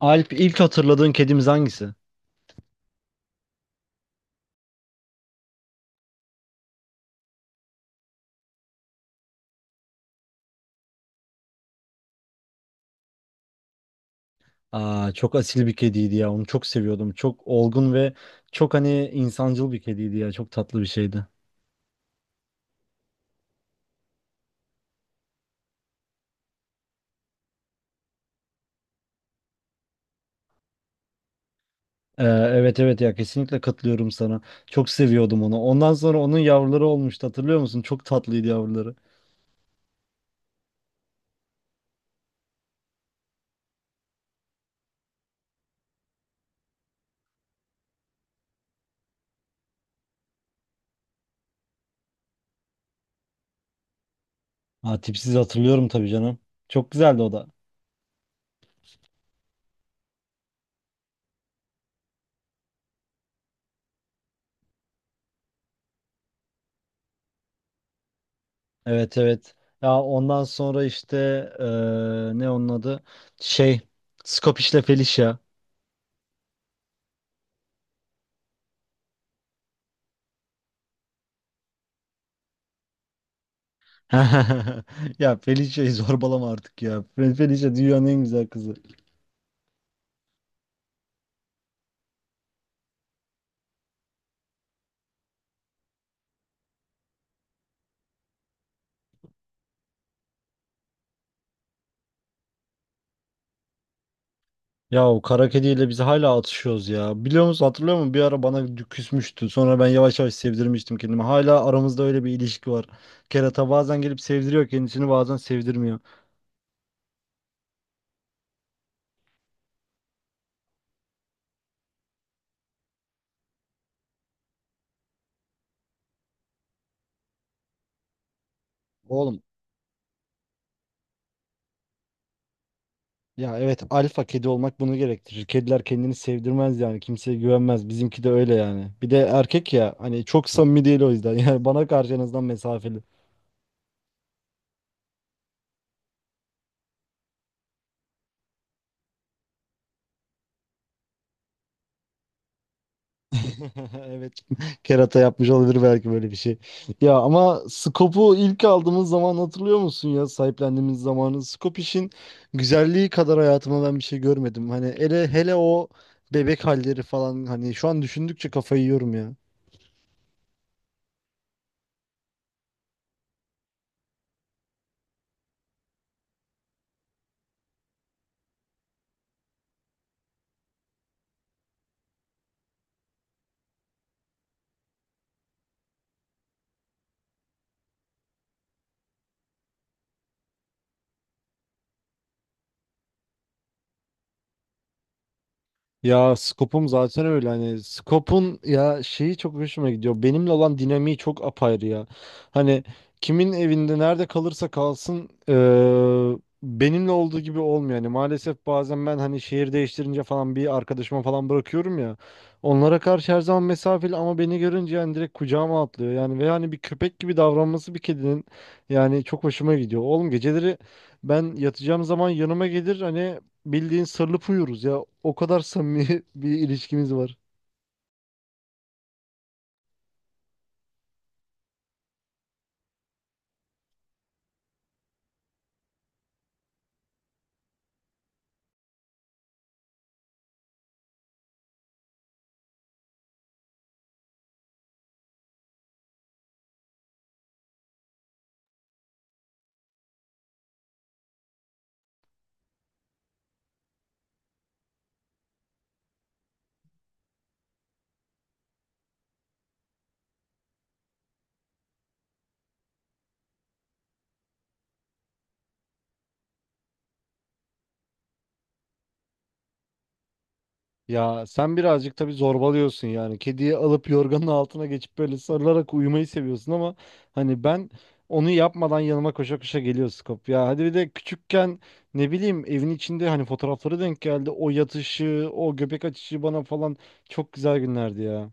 Alp, ilk hatırladığın kedimiz hangisi? Aa, çok asil bir kediydi ya. Onu çok seviyordum. Çok olgun ve çok hani insancıl bir kediydi ya. Çok tatlı bir şeydi. Evet evet ya, kesinlikle katılıyorum sana. Çok seviyordum onu. Ondan sonra onun yavruları olmuştu. Hatırlıyor musun? Çok tatlıydı yavruları. Ha, tipsiz hatırlıyorum tabii canım. Çok güzeldi o da. Evet evet. Ya ondan sonra işte ee, ne onun adı? Şey, Scopish'le Felicia. Ya Felicia'yı zorbalama artık ya. Felicia dünyanın en güzel kızı. Ya o kara kediyle biz hala atışıyoruz ya. Biliyor musun, hatırlıyor musun? Bir ara bana küsmüştü. Sonra ben yavaş yavaş sevdirmiştim kendimi. Hala aramızda öyle bir ilişki var. Kerata bazen gelip sevdiriyor kendisini, bazen sevdirmiyor. Oğlum ya, evet, alfa kedi olmak bunu gerektirir. Kediler kendini sevdirmez yani. Kimseye güvenmez. Bizimki de öyle yani. Bir de erkek ya, hani çok samimi değil o yüzden. Yani bana karşı en azından mesafeli. Evet. Kerata yapmış olabilir belki böyle bir şey. Ya ama Scope'u ilk aldığımız zaman hatırlıyor musun ya, sahiplendiğimiz zamanı? Scope işin güzelliği kadar hayatıma ben bir şey görmedim. Hani hele hele o bebek halleri falan, hani şu an düşündükçe kafayı yiyorum. Ya Skop'um zaten öyle, hani Skop'un ya şeyi çok hoşuma gidiyor. Benimle olan dinamiği çok apayrı ya. Hani kimin evinde nerede kalırsa kalsın benimle olduğu gibi olmuyor. Yani maalesef bazen ben hani şehir değiştirince falan bir arkadaşıma falan bırakıyorum ya. Onlara karşı her zaman mesafeli ama beni görünce yani direkt kucağıma atlıyor. Yani ve hani bir köpek gibi davranması bir kedinin yani çok hoşuma gidiyor. Oğlum geceleri ben yatacağım zaman yanıma gelir, hani bildiğin sarılıp uyuruz ya. O kadar samimi bir ilişkimiz var. Ya sen birazcık tabii zorbalıyorsun yani. Kediyi alıp yorganın altına geçip böyle sarılarak uyumayı seviyorsun ama hani ben onu yapmadan yanıma koşa koşa geliyor Skop. Ya hadi, bir de küçükken ne bileyim evin içinde hani fotoğrafları denk geldi. O yatışı, o göbek açışı bana falan, çok güzel günlerdi ya.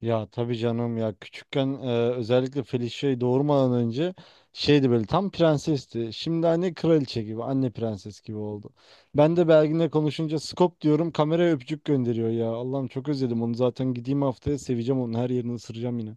Ya tabii canım ya, küçükken özellikle Felicia'yı doğurmadan önce şeydi, böyle tam prensesti. Şimdi anne kraliçe gibi, anne prenses gibi oldu. Ben de Belgin'le konuşunca skop diyorum, kameraya öpücük gönderiyor ya. Allah'ım, çok özledim onu. Zaten gideyim haftaya, seveceğim, onun her yerini ısıracağım yine.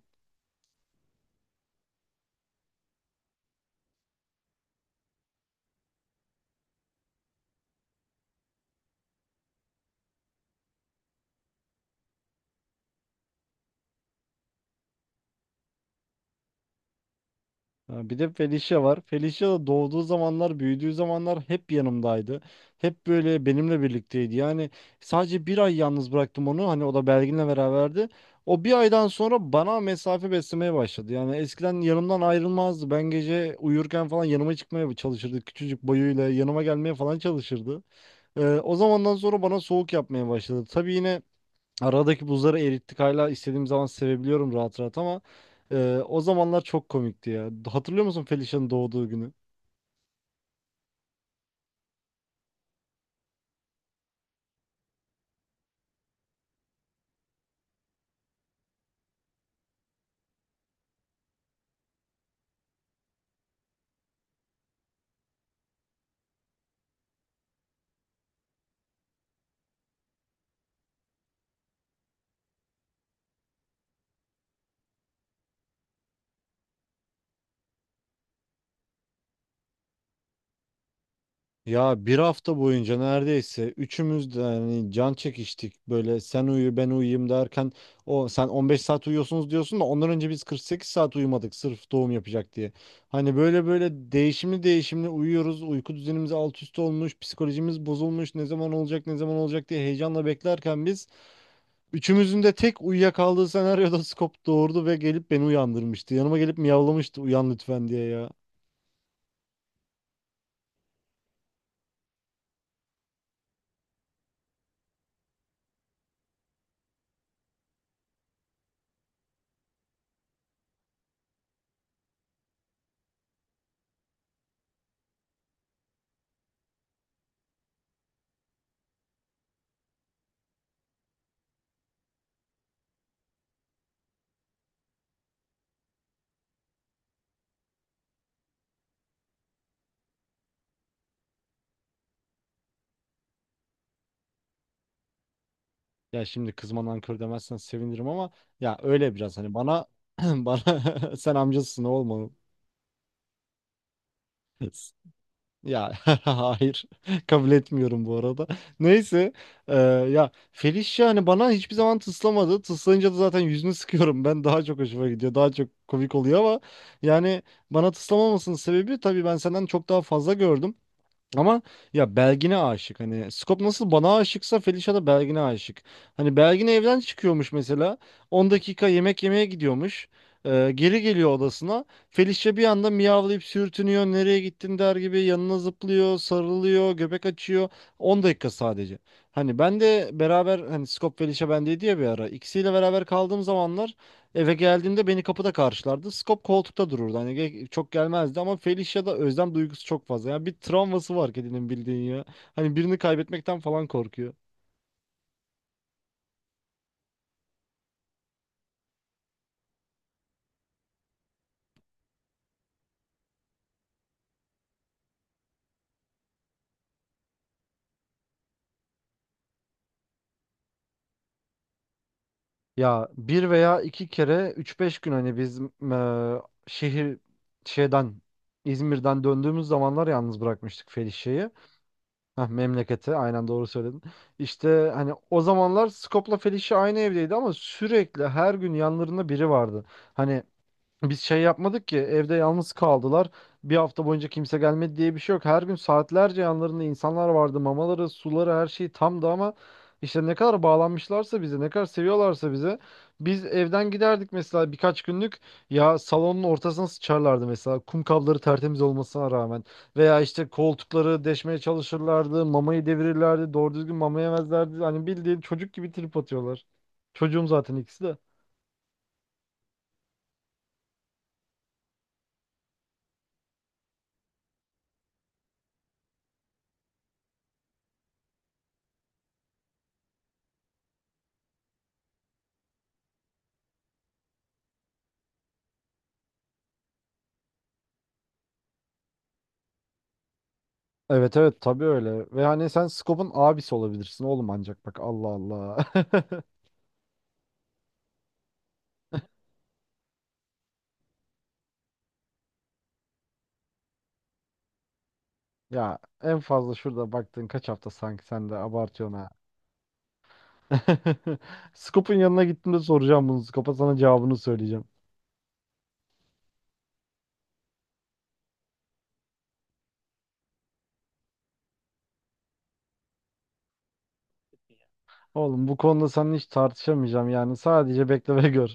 Ha, bir de Felicia var. Felicia da doğduğu zamanlar, büyüdüğü zamanlar hep yanımdaydı. Hep böyle benimle birlikteydi. Yani sadece bir ay yalnız bıraktım onu. Hani o da Belgin'le beraberdi. O bir aydan sonra bana mesafe beslemeye başladı. Yani eskiden yanımdan ayrılmazdı. Ben gece uyurken falan yanıma çıkmaya çalışırdı. Küçücük boyuyla yanıma gelmeye falan çalışırdı. O zamandan sonra bana soğuk yapmaya başladı. Tabii yine aradaki buzları erittik, hala istediğim zaman sevebiliyorum rahat rahat ama o zamanlar çok komikti ya. Hatırlıyor musun Felicia'nın doğduğu günü? Ya bir hafta boyunca neredeyse üçümüz de yani can çekiştik. Böyle sen uyu ben uyuyayım derken, o, sen 15 saat uyuyorsunuz diyorsun da ondan önce biz 48 saat uyumadık sırf doğum yapacak diye. Hani böyle böyle değişimli değişimli uyuyoruz. Uyku düzenimiz alt üst olmuş, psikolojimiz bozulmuş. Ne zaman olacak, ne zaman olacak diye heyecanla beklerken biz, üçümüzün de tek uyuyakaldığı senaryoda Skop doğurdu ve gelip beni uyandırmıştı. Yanıma gelip miyavlamıştı, uyan lütfen diye ya. Ya şimdi kızma, nankör demezsen sevinirim ama ya öyle biraz hani bana, bana sen amcasısın, olma. Ya hayır, kabul etmiyorum bu arada. Neyse, eee, ya Felicia hani bana hiçbir zaman tıslamadı. Tıslayınca da zaten yüzünü sıkıyorum. Ben daha çok hoşuma gidiyor. Daha çok komik oluyor ama yani bana tıslamamasının sebebi tabii ben senden çok daha fazla gördüm. Ama ya Belgin'e aşık. Hani Skop nasıl bana aşıksa, Felicia da Belgin'e aşık. Hani Belgin evden çıkıyormuş mesela. 10 dakika yemek yemeye gidiyormuş. Geri geliyor odasına. Felicia bir anda miyavlayıp sürtünüyor. Nereye gittin der gibi yanına zıplıyor, sarılıyor, göbek açıyor. 10 dakika sadece. Hani ben de beraber, hani Skop Felicia bendeydi ya bir ara. İkisiyle beraber kaldığım zamanlar eve geldiğimde beni kapıda karşılardı. Skop koltukta dururdu. Hani çok gelmezdi ama Felicia'da özlem duygusu çok fazla. Yani bir travması var kedinin, bildiğin ya. Hani birini kaybetmekten falan korkuyor. Ya bir veya iki kere üç beş gün hani biz şehir şeyden İzmir'den döndüğümüz zamanlar yalnız bırakmıştık Felicia'yı. Heh, memlekete, aynen, doğru söyledin. İşte hani o zamanlar Skop'la Felicia aynı evdeydi ama sürekli her gün yanlarında biri vardı. Hani biz şey yapmadık ki evde yalnız kaldılar. Bir hafta boyunca kimse gelmedi diye bir şey yok. Her gün saatlerce yanlarında insanlar vardı. Mamaları, suları, her şey tamdı ama işte ne kadar bağlanmışlarsa bize, ne kadar seviyorlarsa bize. Biz evden giderdik mesela birkaç günlük, ya salonun ortasına sıçarlardı mesela kum kapları tertemiz olmasına rağmen. Veya işte koltukları deşmeye çalışırlardı, mamayı devirirlerdi, doğru düzgün mama yemezlerdi. Hani bildiğin çocuk gibi trip atıyorlar. Çocuğum zaten ikisi de. Evet evet, tabii öyle. Ve hani sen Scope'un abisi olabilirsin oğlum ancak, bak, Allah Allah. Ya en fazla şurada baktığın kaç hafta, sanki sen de abartıyorsun ha. Scope'un yanına gittiğimde soracağım bunu Scope'a, sana cevabını söyleyeceğim. Oğlum bu konuda seninle hiç tartışamayacağım yani, sadece bekle ve gör.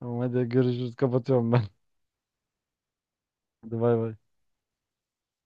Tamam, hadi görüşürüz, kapatıyorum ben. Hadi bay bay.